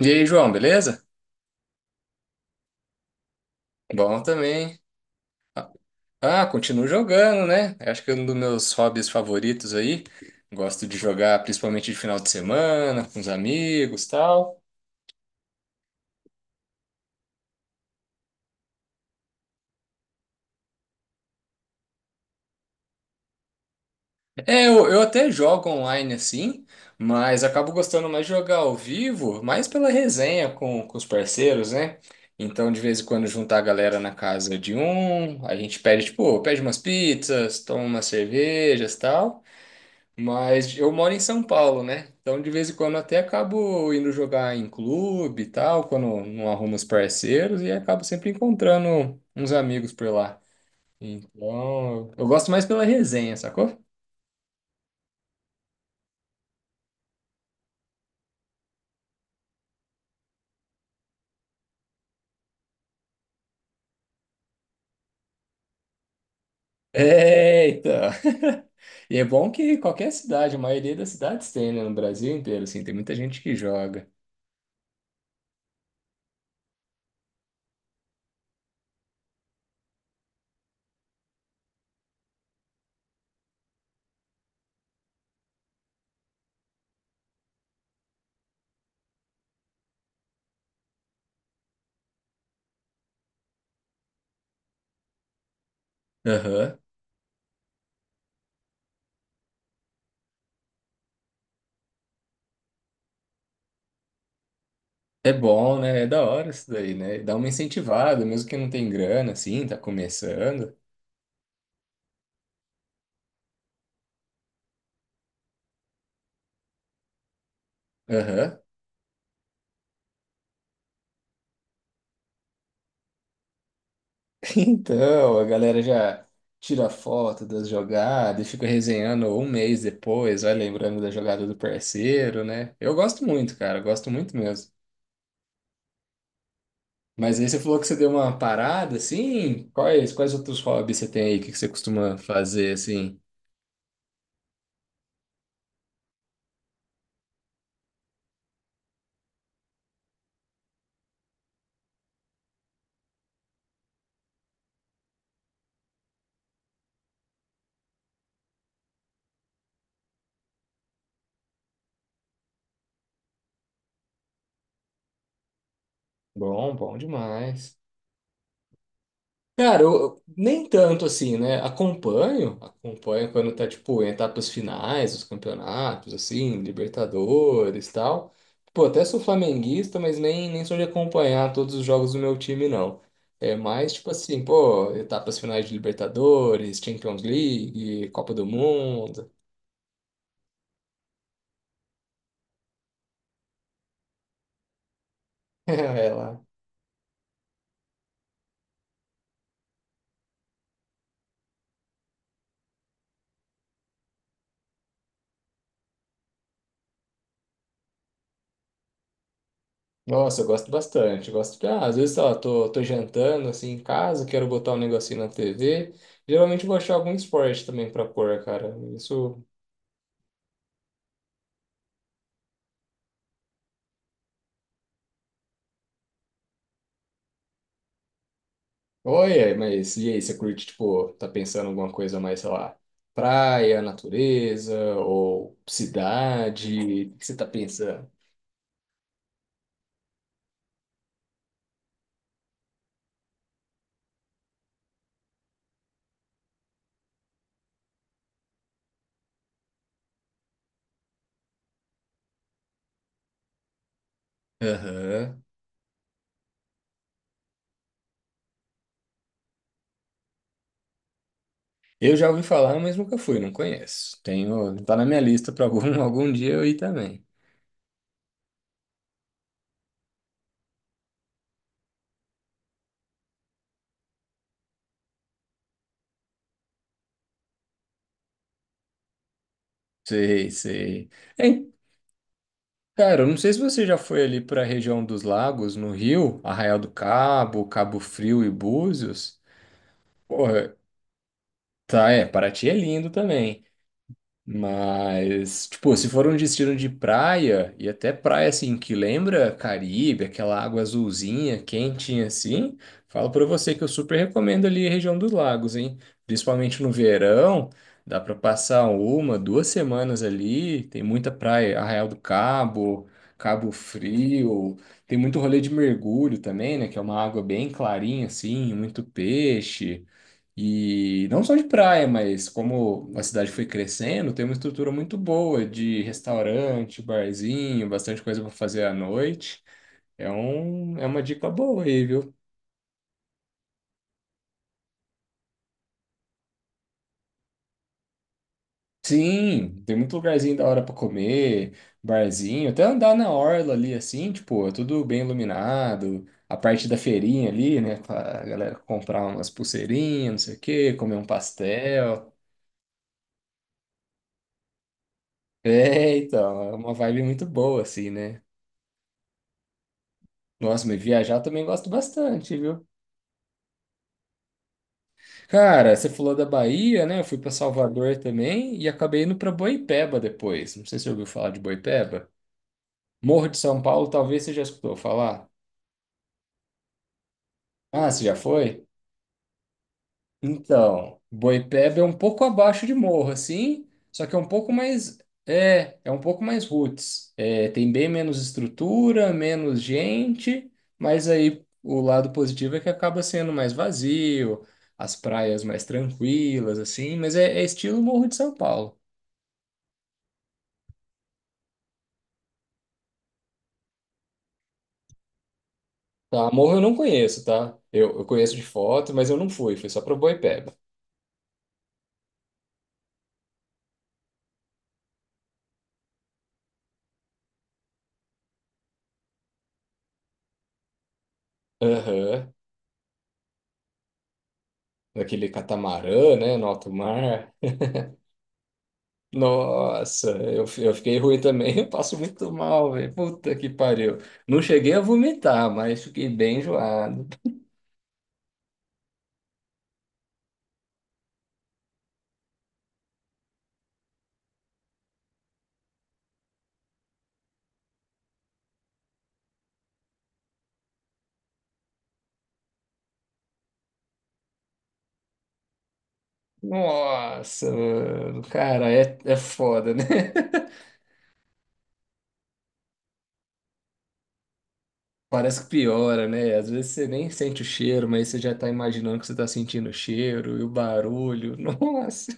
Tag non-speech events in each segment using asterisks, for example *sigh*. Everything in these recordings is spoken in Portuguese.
E aí, João, beleza? Bom também. Ah, Continuo jogando, né? Acho que é um dos meus hobbies favoritos aí. Gosto de jogar principalmente de final de semana, com os amigos, tal. É, eu até jogo online assim, mas acabo gostando mais de jogar ao vivo, mais pela resenha com os parceiros, né? Então, de vez em quando, juntar a galera na casa de um, a gente pede, tipo, pede umas pizzas, toma umas cervejas, tal. Mas eu moro em São Paulo, né? Então de vez em quando até acabo indo jogar em clube e tal, quando não arrumo os parceiros e acabo sempre encontrando uns amigos por lá. Então, eu gosto mais pela resenha, sacou? É, então. *laughs* E é bom que qualquer cidade, a maioria das cidades tem, né? No Brasil inteiro, assim, tem muita gente que joga. Aham. É bom, né? É da hora isso daí, né? Dá uma incentivada, mesmo que não tem grana, assim, tá começando. Aham. Então, a galera já tira foto das jogadas e fica resenhando um mês depois, vai lembrando da jogada do parceiro, né? Eu gosto muito, cara, gosto muito mesmo. Mas aí você falou que você deu uma parada, assim? Quais outros hobbies você tem aí? O que que você costuma fazer, assim? Bom, bom demais. Cara, nem tanto assim, né? Acompanho, acompanho quando tá, tipo, em etapas finais dos campeonatos, assim, Libertadores e tal. Pô, até sou flamenguista, mas nem sou de acompanhar todos os jogos do meu time, não. É mais, tipo assim, pô, etapas finais de Libertadores, Champions League, Copa do Mundo. *laughs* É lá. Nossa, eu gosto bastante. Eu Gosto de... ah, às vezes, sei lá, tô jantando assim em casa, quero botar um negocinho na TV. Geralmente eu vou achar algum esporte também pra pôr, cara. Isso. Olha, mas e aí, você curte, tipo, tá pensando em alguma coisa mais, sei lá, praia, natureza ou cidade? O que você tá pensando? Aham. Eu já ouvi falar, mas nunca fui, não conheço. Tenho, tá na minha lista pra algum, *laughs* algum dia eu ir também. Sei, sei. É, cara, eu não sei se você já foi ali para a região dos lagos, no Rio, Arraial do Cabo, Cabo Frio e Búzios. Porra, tá, é, Paraty é lindo também. Mas, tipo, se for um destino de praia, e até praia assim que lembra Caribe, aquela água azulzinha, quentinha assim, falo pra você que eu super recomendo ali a região dos lagos, hein? Principalmente no verão, dá pra passar uma, duas semanas ali, tem muita praia, Arraial do Cabo, Cabo Frio, tem muito rolê de mergulho também, né? Que é uma água bem clarinha assim, muito peixe. E não só de praia, mas como a cidade foi crescendo, tem uma estrutura muito boa de restaurante, barzinho, bastante coisa para fazer à noite. É uma dica boa aí, viu? Sim, tem muito lugarzinho da hora para comer, barzinho, até andar na orla ali assim, tipo, é tudo bem iluminado. A parte da feirinha ali, né, pra galera comprar umas pulseirinhas, não sei o quê, comer um pastel. É, então, é uma vibe muito boa assim, né? Nossa, mas viajar também gosto bastante, viu? Cara, você falou da Bahia, né? Eu fui para Salvador também e acabei indo para Boipeba depois. Não sei se você ouviu falar de Boipeba. Morro de São Paulo, talvez você já escutou falar. Ah, você já foi? Então, Boipeba é um pouco abaixo de Morro, assim, só que é um pouco mais roots. É, tem bem menos estrutura, menos gente, mas aí o lado positivo é que acaba sendo mais vazio, as praias mais tranquilas, assim, mas é estilo Morro de São Paulo. Tá, Morro eu não conheço, tá? Eu conheço de foto, mas eu não fui, fui só pra Boipeba. Aham, naquele catamarã, né, no alto mar. Nossa, eu fiquei ruim também. *laughs* Eu passo muito mal, velho. Puta que pariu. Não cheguei a vomitar, mas fiquei bem enjoado. Nossa, mano. Cara, é foda, né? *laughs* Parece que piora, né? Às vezes você nem sente o cheiro, mas você já tá imaginando que você tá sentindo o cheiro e o barulho. *laughs* Nossa.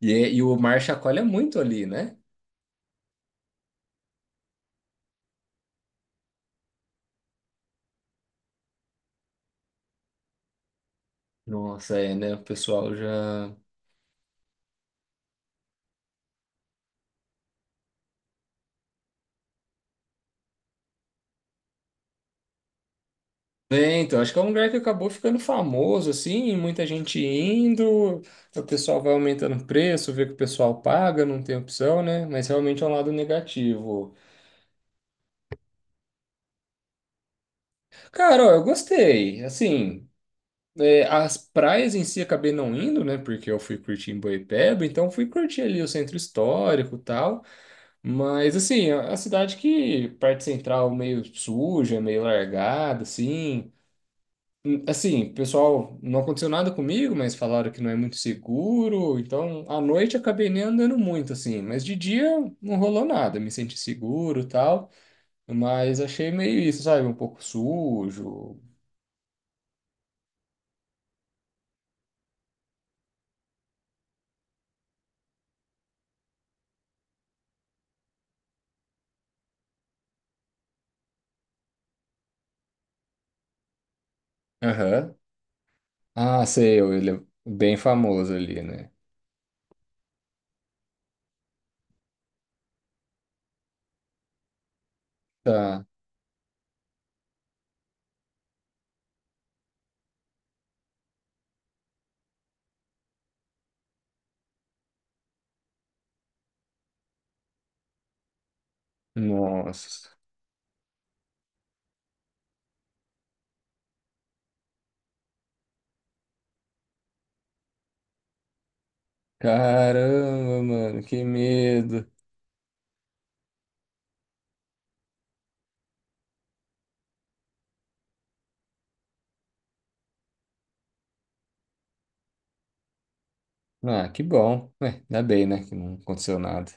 E o mar chacoalha muito ali, né? Nossa, é, né? O pessoal já. É, então, acho que é um lugar que acabou ficando famoso, assim, muita gente indo, o pessoal vai aumentando o preço, vê que o pessoal paga, não tem opção, né? Mas realmente é um lado negativo. Cara, ó, eu gostei, assim, é, as praias em si acabei não indo, né? Porque eu fui curtir em Boipeba, então fui curtir ali o centro histórico e tal, mas, assim, a cidade que parte central meio suja, meio largada, assim... Assim, pessoal, não aconteceu nada comigo, mas falaram que não é muito seguro. Então, à noite eu acabei nem andando muito, assim. Mas de dia não rolou nada, me senti seguro e tal. Mas achei meio isso, sabe? Um pouco sujo. Aham. Ah, sei, ele é bem famoso ali, né? Tá. Nossa. Caramba, mano, que medo. Ah, que bom. Ué, ainda bem, né? Que não aconteceu nada.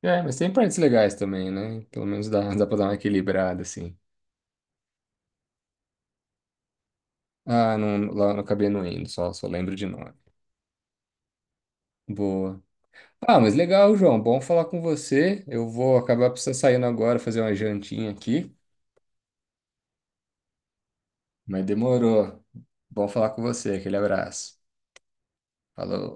É, mas tem partes legais também, né? Pelo menos dá, dá pra dar uma equilibrada, assim. Ah, não, lá eu acabei não indo, só, só lembro de nome. Boa. Ah, mas legal, João. Bom falar com você. Eu vou acabar precisando saindo agora, fazer uma jantinha aqui. Mas demorou. Bom falar com você. Aquele abraço. Falou.